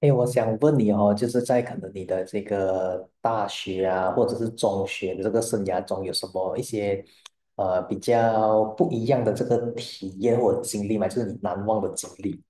哎，我想问你哦，就是在可能你的这个大学啊，或者是中学的这个生涯中，有什么一些比较不一样的这个体验或者经历吗？就是你难忘的经历。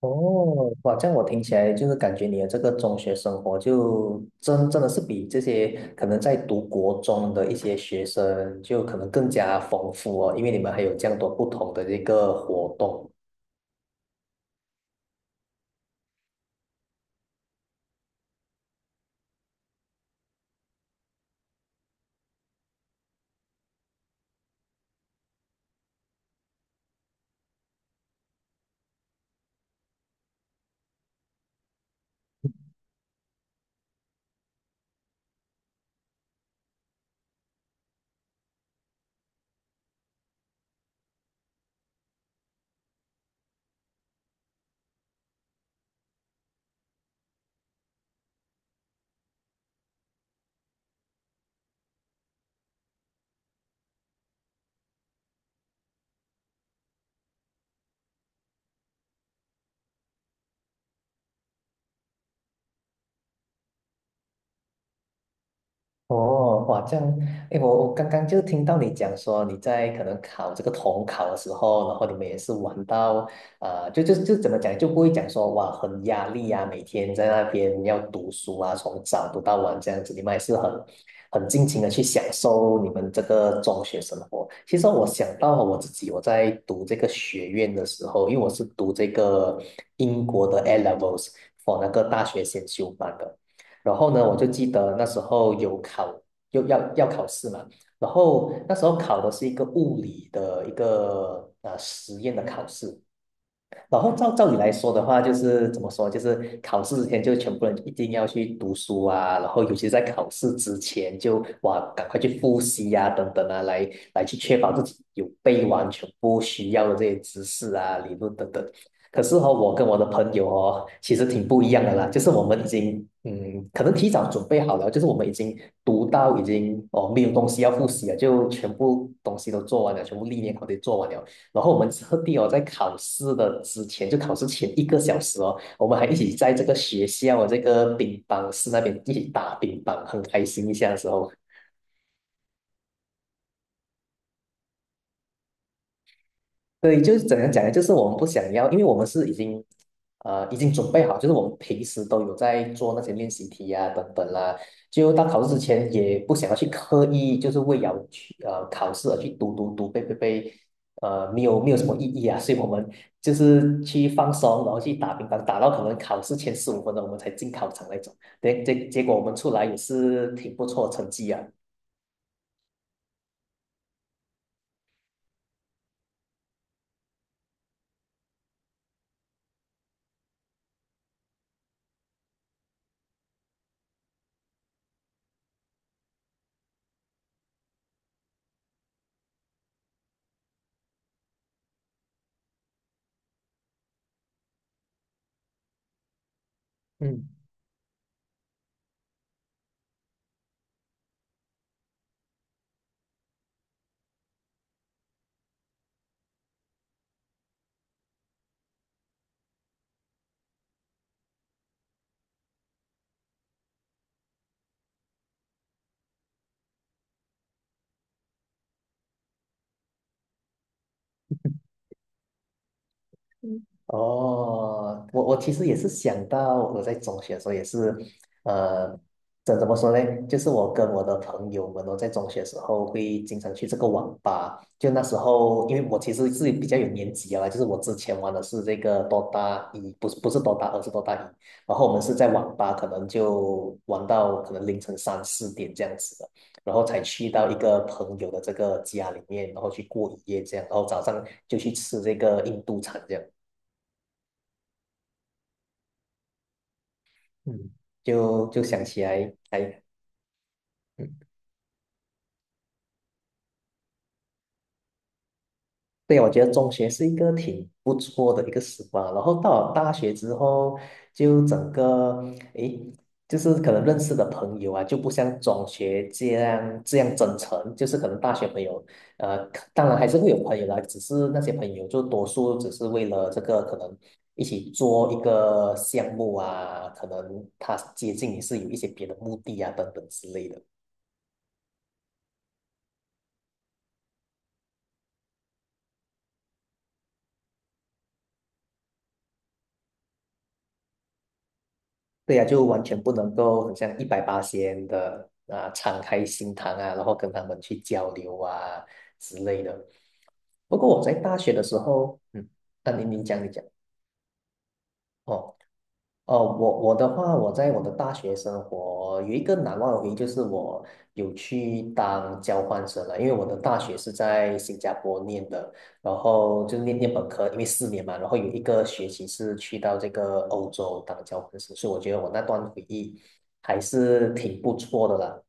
哦，哇，这样我听起来就是感觉你的这个中学生活就真的是比这些可能在读国中的一些学生就可能更加丰富哦，因为你们还有这样多不同的这个活动。哦，哇，这样，哎，我刚刚就听到你讲说你在可能考这个统考的时候，然后你们也是玩到，就怎么讲，就不会讲说哇很压力啊，每天在那边要读书啊，从早读到晚这样子，你们也是很尽情的去享受你们这个中学生活。其实我想到了我自己，我在读这个学院的时候，因为我是读这个英国的 A levels for 那个大学先修班的。然后呢，我就记得那时候有考，又要考试嘛，然后那时候考的是一个物理的一个实验的考试，然后照理来说的话，就是怎么说，就是考试之前就全部人一定要去读书啊，然后尤其在考试之前就哇，赶快去复习呀、等等啊，来去确保自己有背完全部需要的这些知识啊、理论等等。可是哦，我跟我的朋友哦，其实挺不一样的啦，就是我们已经可能提早准备好了，就是我们已经读到已经哦没有东西要复习了，就全部东西都做完了，全部历年考题做完了。然后我们特地哦，在考试的之前，就考试前一个小时哦，我们还一起在这个学校这个乒乓室那边一起打乒乓，很开心一下的时候。对，就是怎样讲呢？就是我们不想要，因为我们是已经，已经准备好，就是我们平时都有在做那些练习题呀、等等啦。就到考试之前，也不想要去刻意，就是为了去考试而去读读读背背背，没有没有什么意义啊。所以我们就是去放松，然后去打乒乓，打到可能考试前15分钟我们才进考场那种。对，结果我们出来也是挺不错的成绩啊。哦，我其实也是想到我在中学的时候也是，呃，怎么说呢？就是我跟我的朋友们哦，在中学的时候会经常去这个网吧。就那时候，因为我其实是比较有年纪啊，就是我之前玩的是这个 DOTA 一，不是 DOTA 二，是 DOTA 一。然后我们是在网吧，可能就玩到可能凌晨3、4点这样子的，然后才去到一个朋友的这个家里面，然后去过一夜这样，然后早上就去吃这个印度餐这样。嗯，就想起来，哎，嗯，对，我觉得中学是一个挺不错的一个时光。然后到了大学之后，就整个，诶，就是可能认识的朋友啊，就不像中学这样真诚。就是可能大学朋友，可当然还是会有朋友啦，只是那些朋友就多数只是为了这个可能一起做一个项目啊，可能他接近你是有一些别的目的啊，等等之类的。对呀、就完全不能够很像一百八仙的啊，敞开心膛啊，然后跟他们去交流啊之类的。不过我在大学的时候，嗯，啊你讲。哦。哦，我的话，我在我的大学生活有一个难忘的回忆，就是我有去当交换生了，因为我的大学是在新加坡念的，然后就是念本科，因为4年嘛，然后有一个学期是去到这个欧洲当交换生，所以我觉得我那段回忆还是挺不错的啦。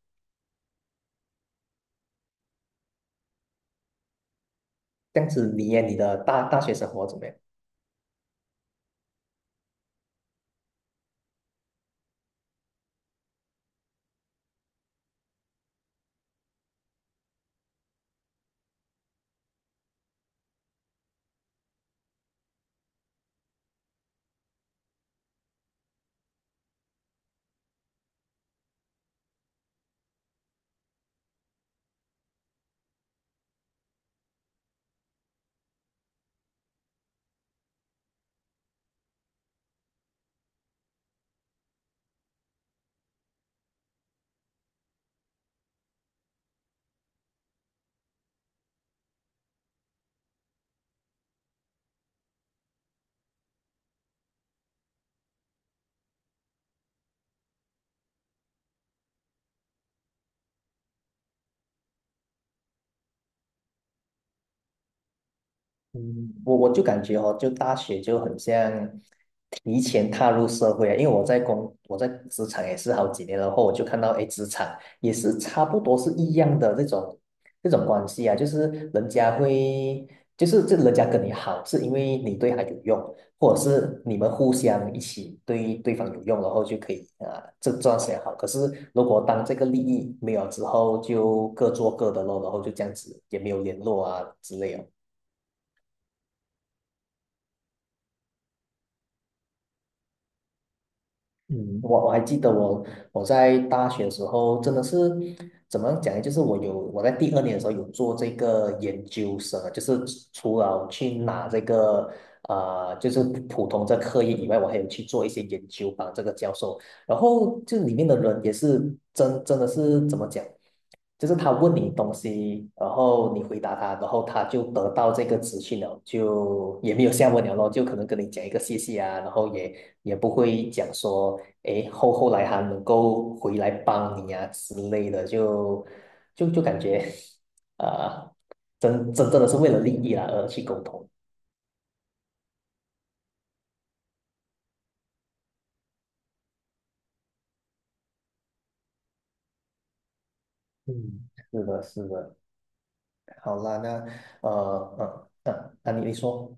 这样子你耶，你的大学生活怎么样？嗯，我就感觉哦，就大学就很像提前踏入社会啊，因为我在职场也是好几年了，然后我就看到，哎，职场也是差不多是一样的这种关系啊，就是人家会，就是这人家跟你好，是因为你对他有用，或者是你们互相一起对对方有用，然后就可以啊，这段时间好。可是如果当这个利益没有之后，就各做各的咯，然后就这样子也没有联络啊之类的。嗯，我还记得我在大学的时候真的是怎么讲呢？就是我在第二年的时候有做这个研究生啊就是除了去拿这个就是普通这课业以外，我还有去做一些研究帮这个教授，然后就里面的人也是真的是怎么讲，就是他问你东西，然后你回答他，然后他就得到这个资讯了，就也没有下文了咯，就可能跟你讲一个谢谢啊，然后也不会讲说。诶，后来还能够回来帮你啊之类的，就感觉，呃，真正的是为了利益啦而去沟通。嗯，是的，是的。好啦，那呃那你说，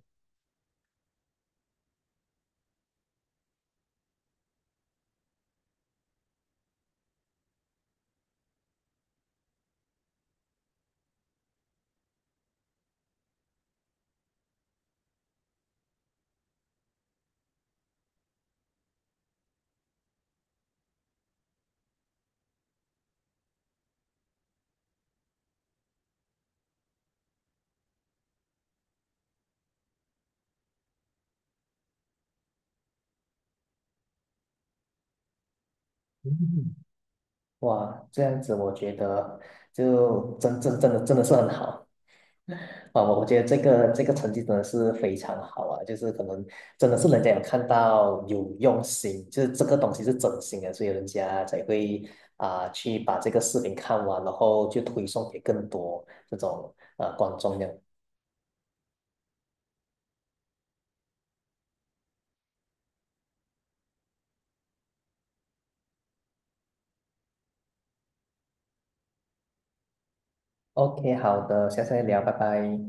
嗯哇，这样子我觉得就真的是很好。啊，我觉得这个成绩真的是非常好啊，就是可能真的是人家有看到有用心，就是这个东西是真心的，所以人家才会啊、去把这个视频看完，然后就推送给更多这种观众这样。 OK,好的，下次再聊，拜拜。